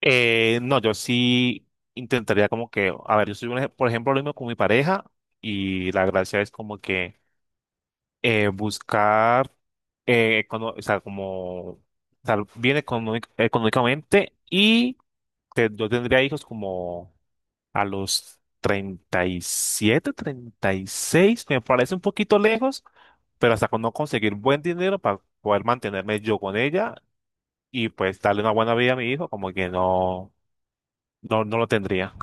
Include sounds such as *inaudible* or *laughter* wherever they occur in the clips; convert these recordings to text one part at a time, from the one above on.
No, yo sí intentaría a ver, yo soy, un ej- por ejemplo, lo mismo con mi pareja y la gracia es como que buscar, o sea, como estar bien económicamente y yo tendría hijos como a los 37, 36, me parece un poquito lejos, pero hasta con no conseguir buen dinero para poder mantenerme yo con ella y pues darle una buena vida a mi hijo, como que no lo tendría.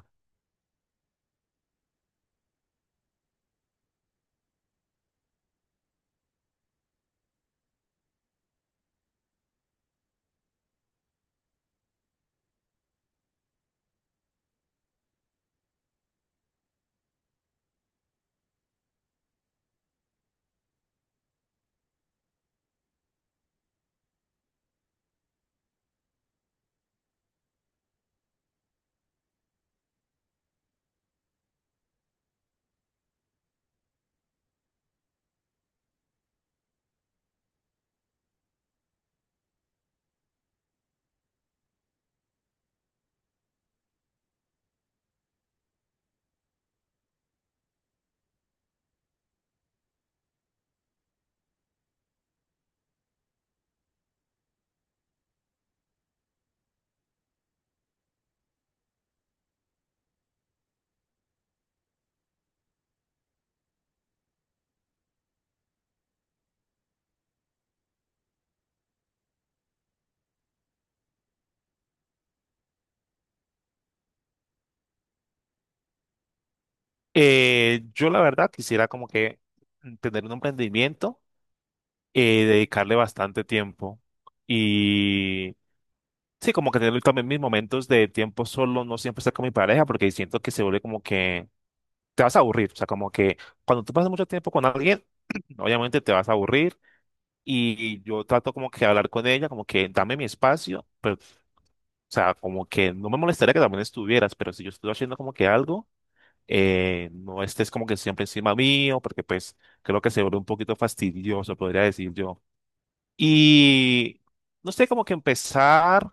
Yo la verdad quisiera como que tener un emprendimiento, dedicarle bastante tiempo y sí, como que tener también mis momentos de tiempo solo, no siempre estar con mi pareja porque siento que se vuelve como que te vas a aburrir, o sea, como que cuando tú pasas mucho tiempo con alguien, *clears throat* obviamente te vas a aburrir y yo trato como que hablar con ella, como que dame mi espacio, o sea, como que no me molestaría que también estuvieras, pero si yo estoy haciendo como que algo, no estés como que siempre encima mío, porque pues creo que se vuelve un poquito fastidioso, podría decir yo. Y no sé, como que empezar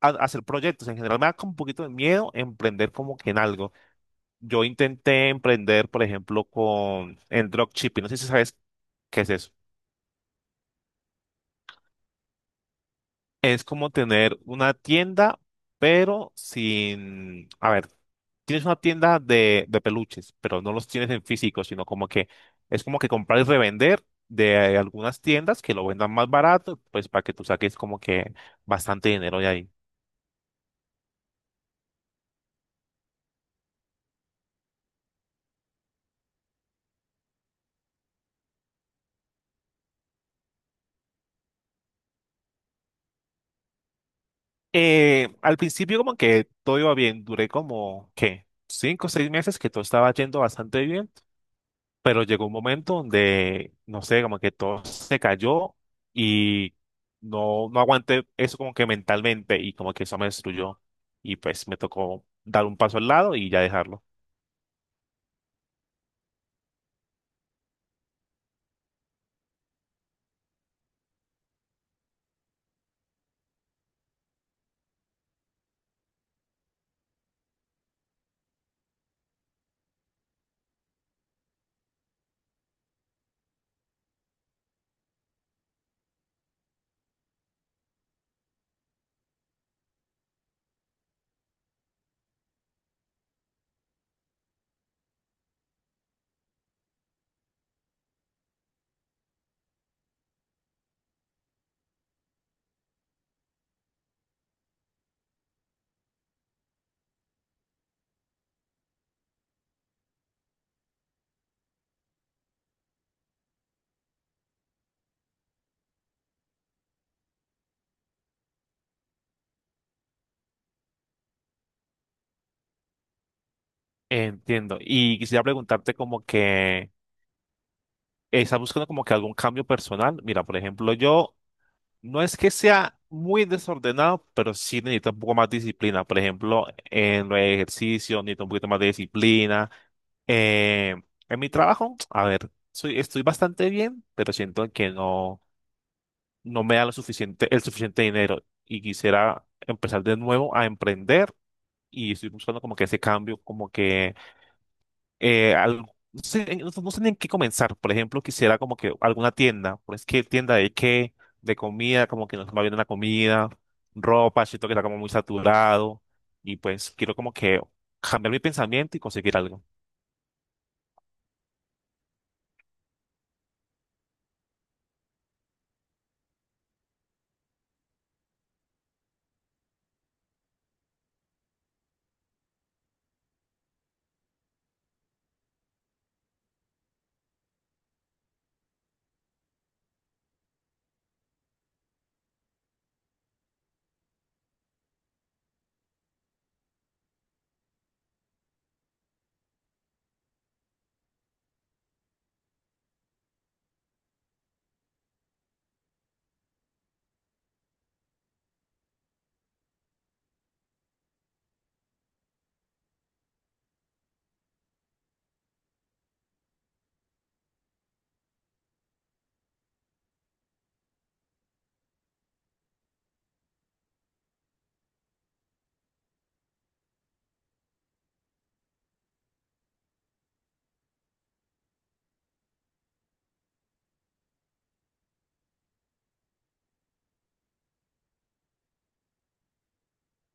a hacer proyectos. En general me da como un poquito de miedo emprender como que en algo. Yo intenté emprender, por ejemplo, con en dropshipping. No sé si sabes qué es eso. Es como tener una tienda, pero sin, a ver, tienes una tienda de peluches, pero no los tienes en físico, sino como que es como que comprar y revender de algunas tiendas que lo vendan más barato, pues para que tú saques como que bastante dinero de ahí. Al principio como que todo iba bien, duré como, ¿qué? 5 o 6 meses que todo estaba yendo bastante bien, pero llegó un momento donde, no sé, como que todo se cayó y no aguanté eso como que mentalmente y como que eso me destruyó y pues me tocó dar un paso al lado y ya dejarlo. Entiendo. Y quisiera preguntarte como que, ¿estás buscando como que algún cambio personal? Mira, por ejemplo, yo no es que sea muy desordenado, pero sí necesita un poco más disciplina. Por ejemplo, en los ejercicios necesito un poquito más de disciplina. Eh, en mi trabajo, a ver, estoy bastante bien, pero siento que no me da lo suficiente, el suficiente dinero y quisiera empezar de nuevo a emprender y estoy buscando como que ese cambio, como que eh, al- no sé, no sé ni en qué comenzar. Por ejemplo, quisiera como que alguna tienda, pues qué tienda de qué, de comida, como que no se me viene la comida, ropa, siento que está como muy saturado y pues quiero como que cambiar mi pensamiento y conseguir algo.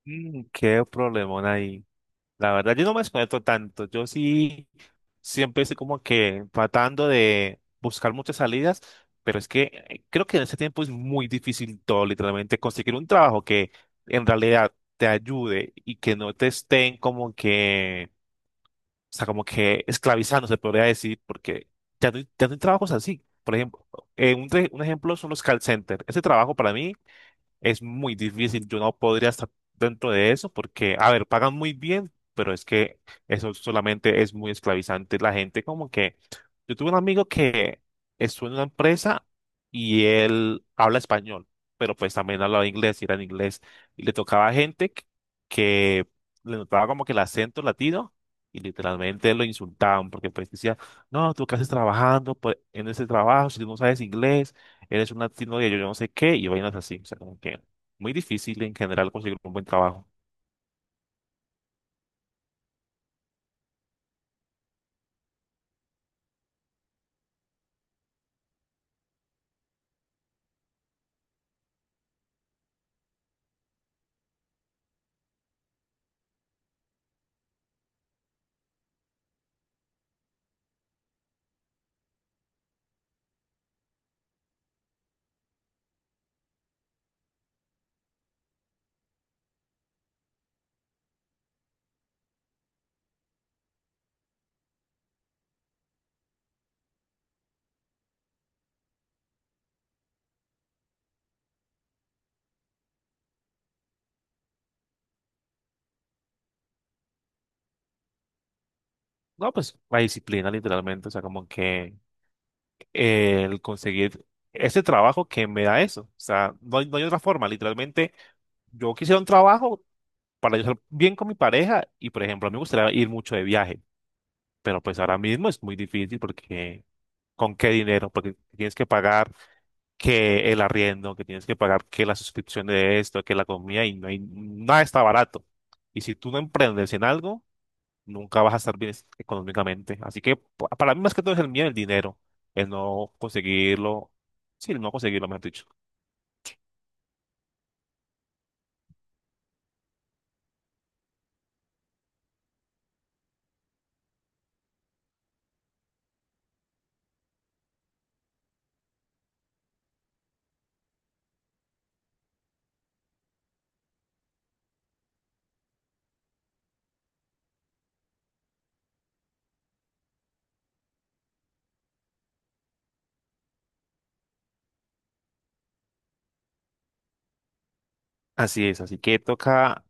Mm, qué problemón ahí. La verdad, yo no me desconecto tanto. Yo sí siempre estoy como que tratando de buscar muchas salidas, pero es que creo que en este tiempo es muy difícil todo, literalmente, conseguir un trabajo que en realidad te ayude y que no te estén o sea, como que esclavizando, se podría decir, porque ya no hay trabajos así. Por ejemplo, un ejemplo son los call centers. Ese trabajo para mí es muy difícil. Yo no podría estar dentro de eso porque, a ver, pagan muy bien, pero es que eso solamente es muy esclavizante. La gente como que... Yo tuve un amigo que estuvo en una empresa y él habla español, pero pues también hablaba inglés y era en inglés. Y le tocaba gente que le notaba como que el acento latino y literalmente lo insultaban porque pues decía, no, tú qué haces trabajando pues, en ese trabajo si tú no sabes inglés eres una tecnología, yo no sé qué, y vainas así. O sea, como que muy difícil en general conseguir un buen trabajo. No, pues la disciplina literalmente, o sea, como que el conseguir ese trabajo que me da eso. O sea, no hay otra forma, literalmente yo quisiera un trabajo para yo ser bien con mi pareja y, por ejemplo, a mí me gustaría ir mucho de viaje, pero pues ahora mismo es muy difícil porque ¿con qué dinero? Porque tienes que pagar que el arriendo, que tienes que pagar, que la suscripción de esto, que la comida, y nada está barato. Y si tú no emprendes en algo, nunca vas a estar bien económicamente. Así que para mí más que todo es el miedo, el dinero, el no conseguirlo, sí, el no conseguirlo, mejor dicho. Así es, así que toca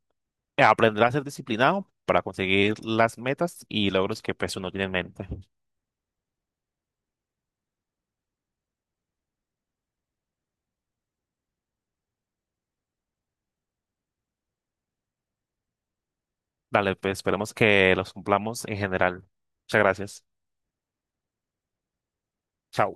aprender a ser disciplinado para conseguir las metas y logros que pues uno tiene en mente. Dale, pues esperemos que los cumplamos en general. Muchas gracias. Chao.